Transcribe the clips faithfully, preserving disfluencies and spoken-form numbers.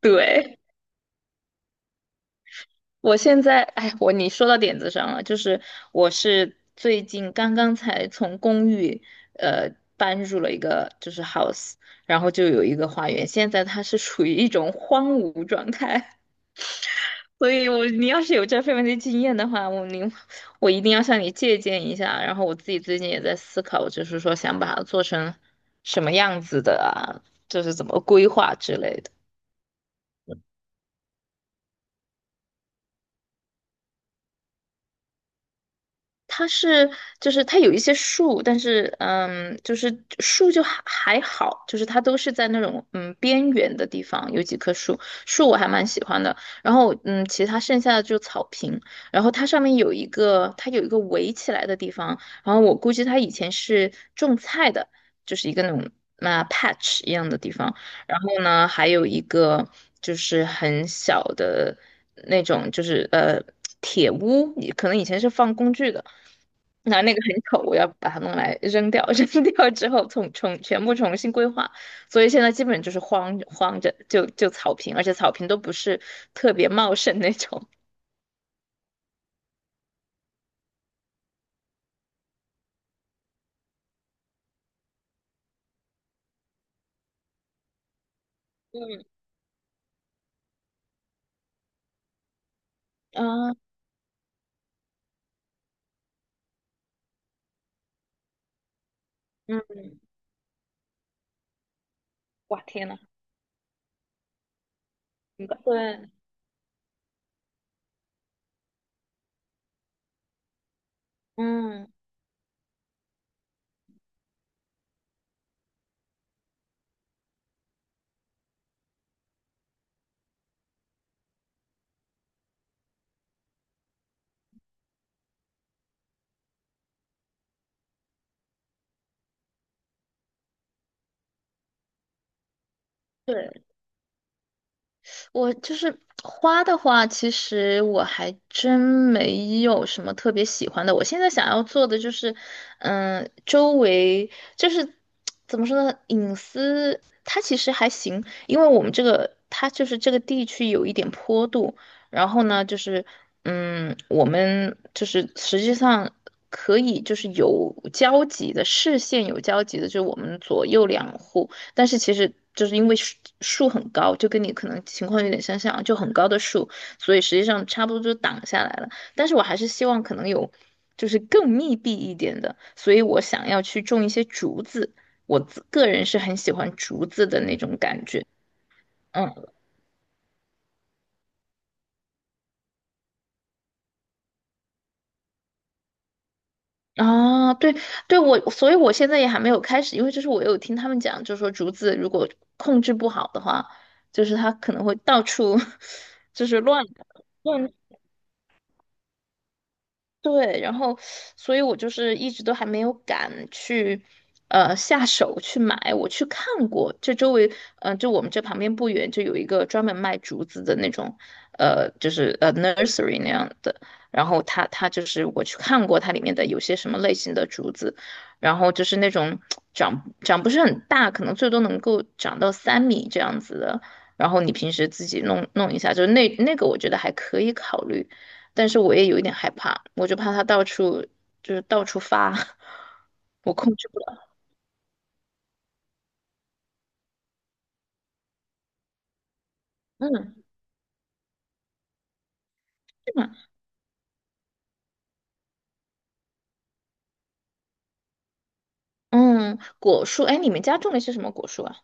对，我现在，哎，我你说到点子上了，就是我是最近刚刚才从公寓，呃，搬入了一个就是 house，然后就有一个花园，现在它是处于一种荒芜状态。所以我你要是有这方面的经验的话，我您我一定要向你借鉴一下，然后我自己最近也在思考，就是说想把它做成什么样子的啊，就是怎么规划之类的。它是就是它有一些树，但是嗯，就是树就还还好，就是它都是在那种嗯边缘的地方有几棵树，树我还蛮喜欢的。然后嗯，其他剩下的就草坪，然后它上面有一个它有一个围起来的地方，然后我估计它以前是种菜的，就是一个那种那 patch 一样的地方。然后呢，还有一个就是很小的那种，就是呃铁屋，可能以前是放工具的。那那个很丑，我要把它弄来扔掉，扔掉之后重重全部重新规划，所以现在基本就是荒荒着就就草坪，而且草坪都不是特别茂盛那种。嗯，啊，嗯，哇，天呐。对，嗯。对。我就是花的话，其实我还真没有什么特别喜欢的。我现在想要做的就是，嗯、周围就是怎么说呢，隐私它其实还行，因为我们这个它就是这个地区有一点坡度，然后呢，就是嗯，我们就是实际上。可以，就是有交集的视线有交集的，就是我们左右两户，但是其实就是因为树树很高，就跟你可能情况有点相像啊，就很高的树，所以实际上差不多就挡下来了。但是我还是希望可能有就是更密闭一点的，所以我想要去种一些竹子。我自个人是很喜欢竹子的那种感觉。嗯，啊，对对，我所以我现在也还没有开始，因为就是我有听他们讲，就是说竹子如果控制不好的话，就是它可能会到处。 就是乱乱，对，然后，所以我就是一直都还没有敢去，呃，下手去买。我去看过，这周围，嗯、呃，就我们这旁边不远就有一个专门卖竹子的那种，呃，就是呃 nursery 那样的。然后它它就是我去看过它里面的有些什么类型的竹子，然后就是那种长长不是很大，可能最多能够长到三米这样子的。然后你平时自己弄弄一下，就是那那个我觉得还可以考虑。但是我也有一点害怕，我就怕它到处就是到处发。我控制不了。嗯，是吗？嗯，果树，哎，你们家种的是什么果树啊？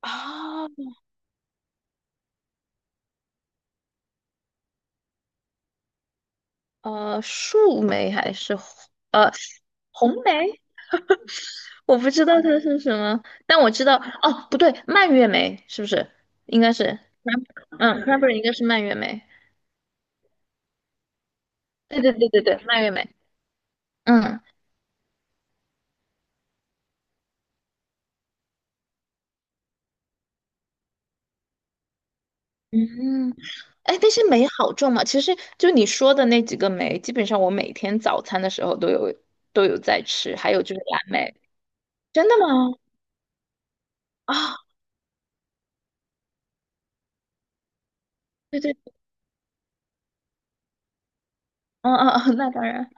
啊，呃，树莓还是红呃红莓？我不知道它是什么，但我知道哦，不对，蔓越莓是不是？应该是。嗯， c r a n b e r r y 应该是蔓越莓。对对对对对，蔓越莓。嗯。嗯，哎，但是酶好种吗？其实就你说的那几个酶，基本上我每天早餐的时候都有都有在吃，还有就是蓝莓。真的吗？啊、对对，嗯嗯嗯，那当然。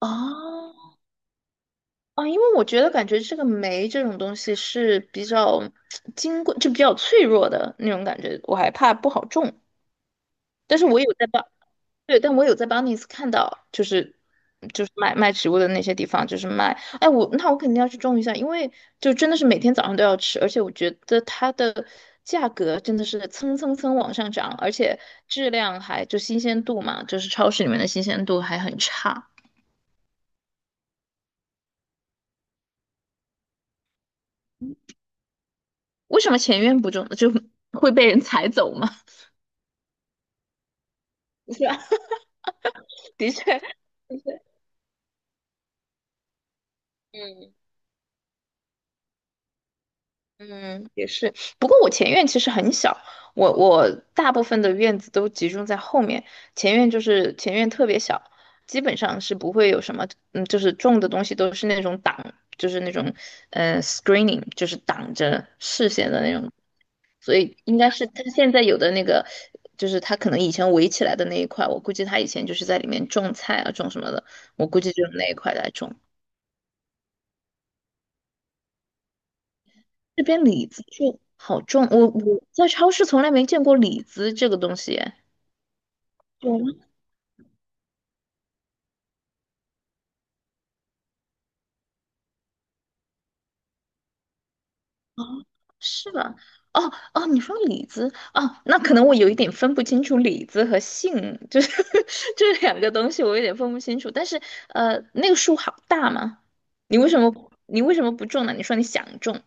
哦哦，因为我觉得感觉这个酶这种东西是比较 金贵，就比较脆弱的那种感觉，我还怕不好种。但是我有在帮，对，但我有在 b 尼斯看到，就是就是卖卖植物的那些地方，就是卖。哎，我那我肯定要去种一下，因为就真的是每天早上都要吃，而且我觉得它的价格真的是蹭蹭蹭往上涨，而且质量还就新鲜度嘛，就是超市里面的新鲜度还很差。为什么前院不种就会被人 踩走吗？是吧？的确。嗯，嗯，也是。不过我前院其实很小，我我大部分的院子都集中在后面，前院就是前院特别小，基本上是不会有什么，嗯，就是种的东西都是那种挡，就是那种呃 screening，就是挡着视线的那种，所以应该是他现在有的那个，就是他可能以前围起来的那一块，我估计他以前就是在里面种菜啊，种什么的，我估计就是那一块来种。这边李子就好种，我我在超市从来没见过李子这个东西。有吗？是吧？哦哦，你说李子哦，那可能我有一点分不清楚李子和杏，就是 这两个东西，我有点分不清楚。但是呃，那个树好大嘛，你为什么你为什么不种呢？你说你想种，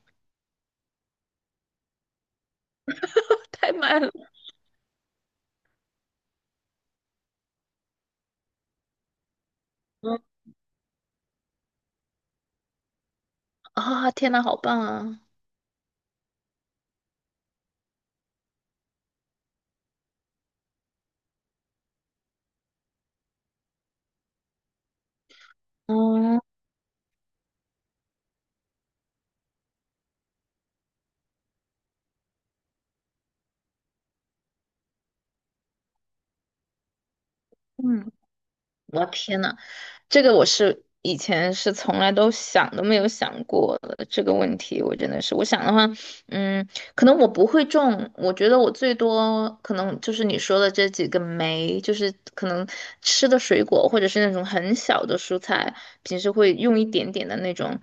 太慢了。嗯，啊、天呐，好棒啊！哦，嗯，我的天呐，这个我是以前是从来都想都没有想过的这个问题，我真的是，我想的话，嗯，可能我不会种。我觉得我最多可能就是你说的这几个酶，就是可能吃的水果或者是那种很小的蔬菜，平时会用一点点的那种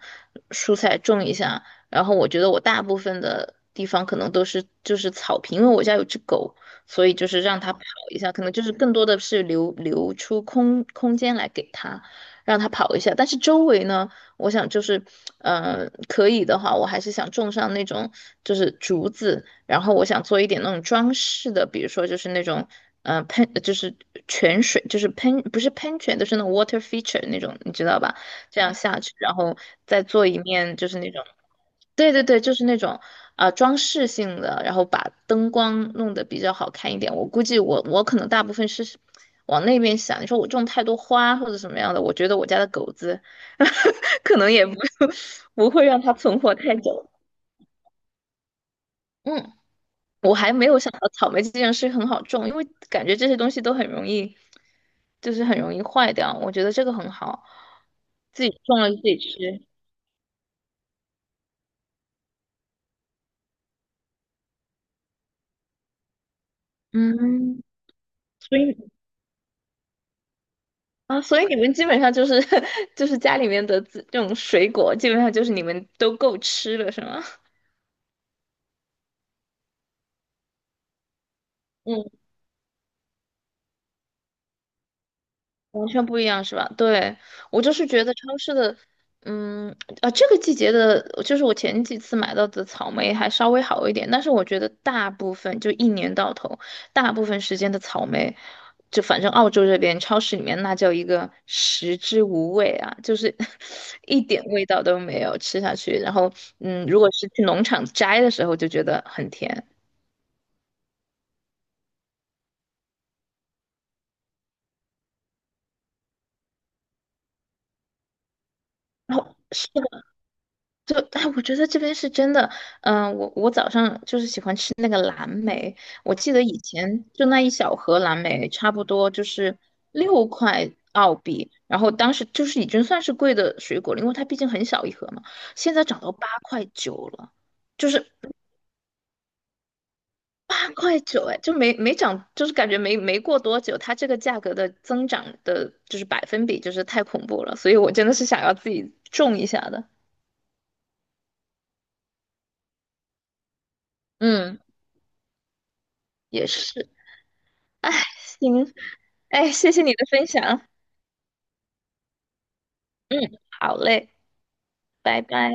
蔬菜种一下，然后我觉得我大部分的地方可能都是就是草坪，因为我家有只狗。所以就是让它跑一下，可能就是更多的是留留出空空间来给它。让它跑一下。但是周围呢，我想就是，呃，可以的话，我还是想种上那种就是竹子，然后我想做一点那种装饰的，比如说就是那种，呃，喷就是泉水，就是喷不是喷泉，就是那种 water feature 那种，你知道吧？这样下去，然后再做一面就是那种。对对对，就是那种啊、呃装饰性的，然后把灯光弄得比较好看一点。我估计我我可能大部分是往那边想。你说我种太多花或者什么样的，我觉得我家的狗子 可能也不 不会让它存活太久。嗯，我还没有想到草莓这件事很好种，因为感觉这些东西都很容易，就是很容易坏掉。我觉得这个很好，自己种了自己吃。嗯，所以啊，所以你们基本上就是 就是家里面的自这种水果，基本上就是你们都够吃了，是吗？完全不一样是吧？对，我就是觉得超市的，嗯，啊，这个季节的，就是我前几次买到的草莓还稍微好一点，但是我觉得大部分就一年到头，大部分时间的草莓，就反正澳洲这边超市里面那叫一个食之无味啊，就是 一点味道都没有，吃下去，然后嗯，如果是去农场摘的时候就觉得很甜，然后是就哎，我觉得这边是真的，嗯、我我早上就是喜欢吃那个蓝莓，我记得以前就那一小盒蓝莓，差不多就是六块澳币，然后当时就是已经算是贵的水果了，因为它毕竟很小一盒嘛，现在涨到八块九了，就是 八块九，哎，就没没涨，就是感觉没没过多久，它这个价格的增长的就是百分比就是太恐怖了，所以我真的是想要自己种一下的，嗯，也是，哎，行，哎，谢谢你的分享。嗯，好嘞，拜拜。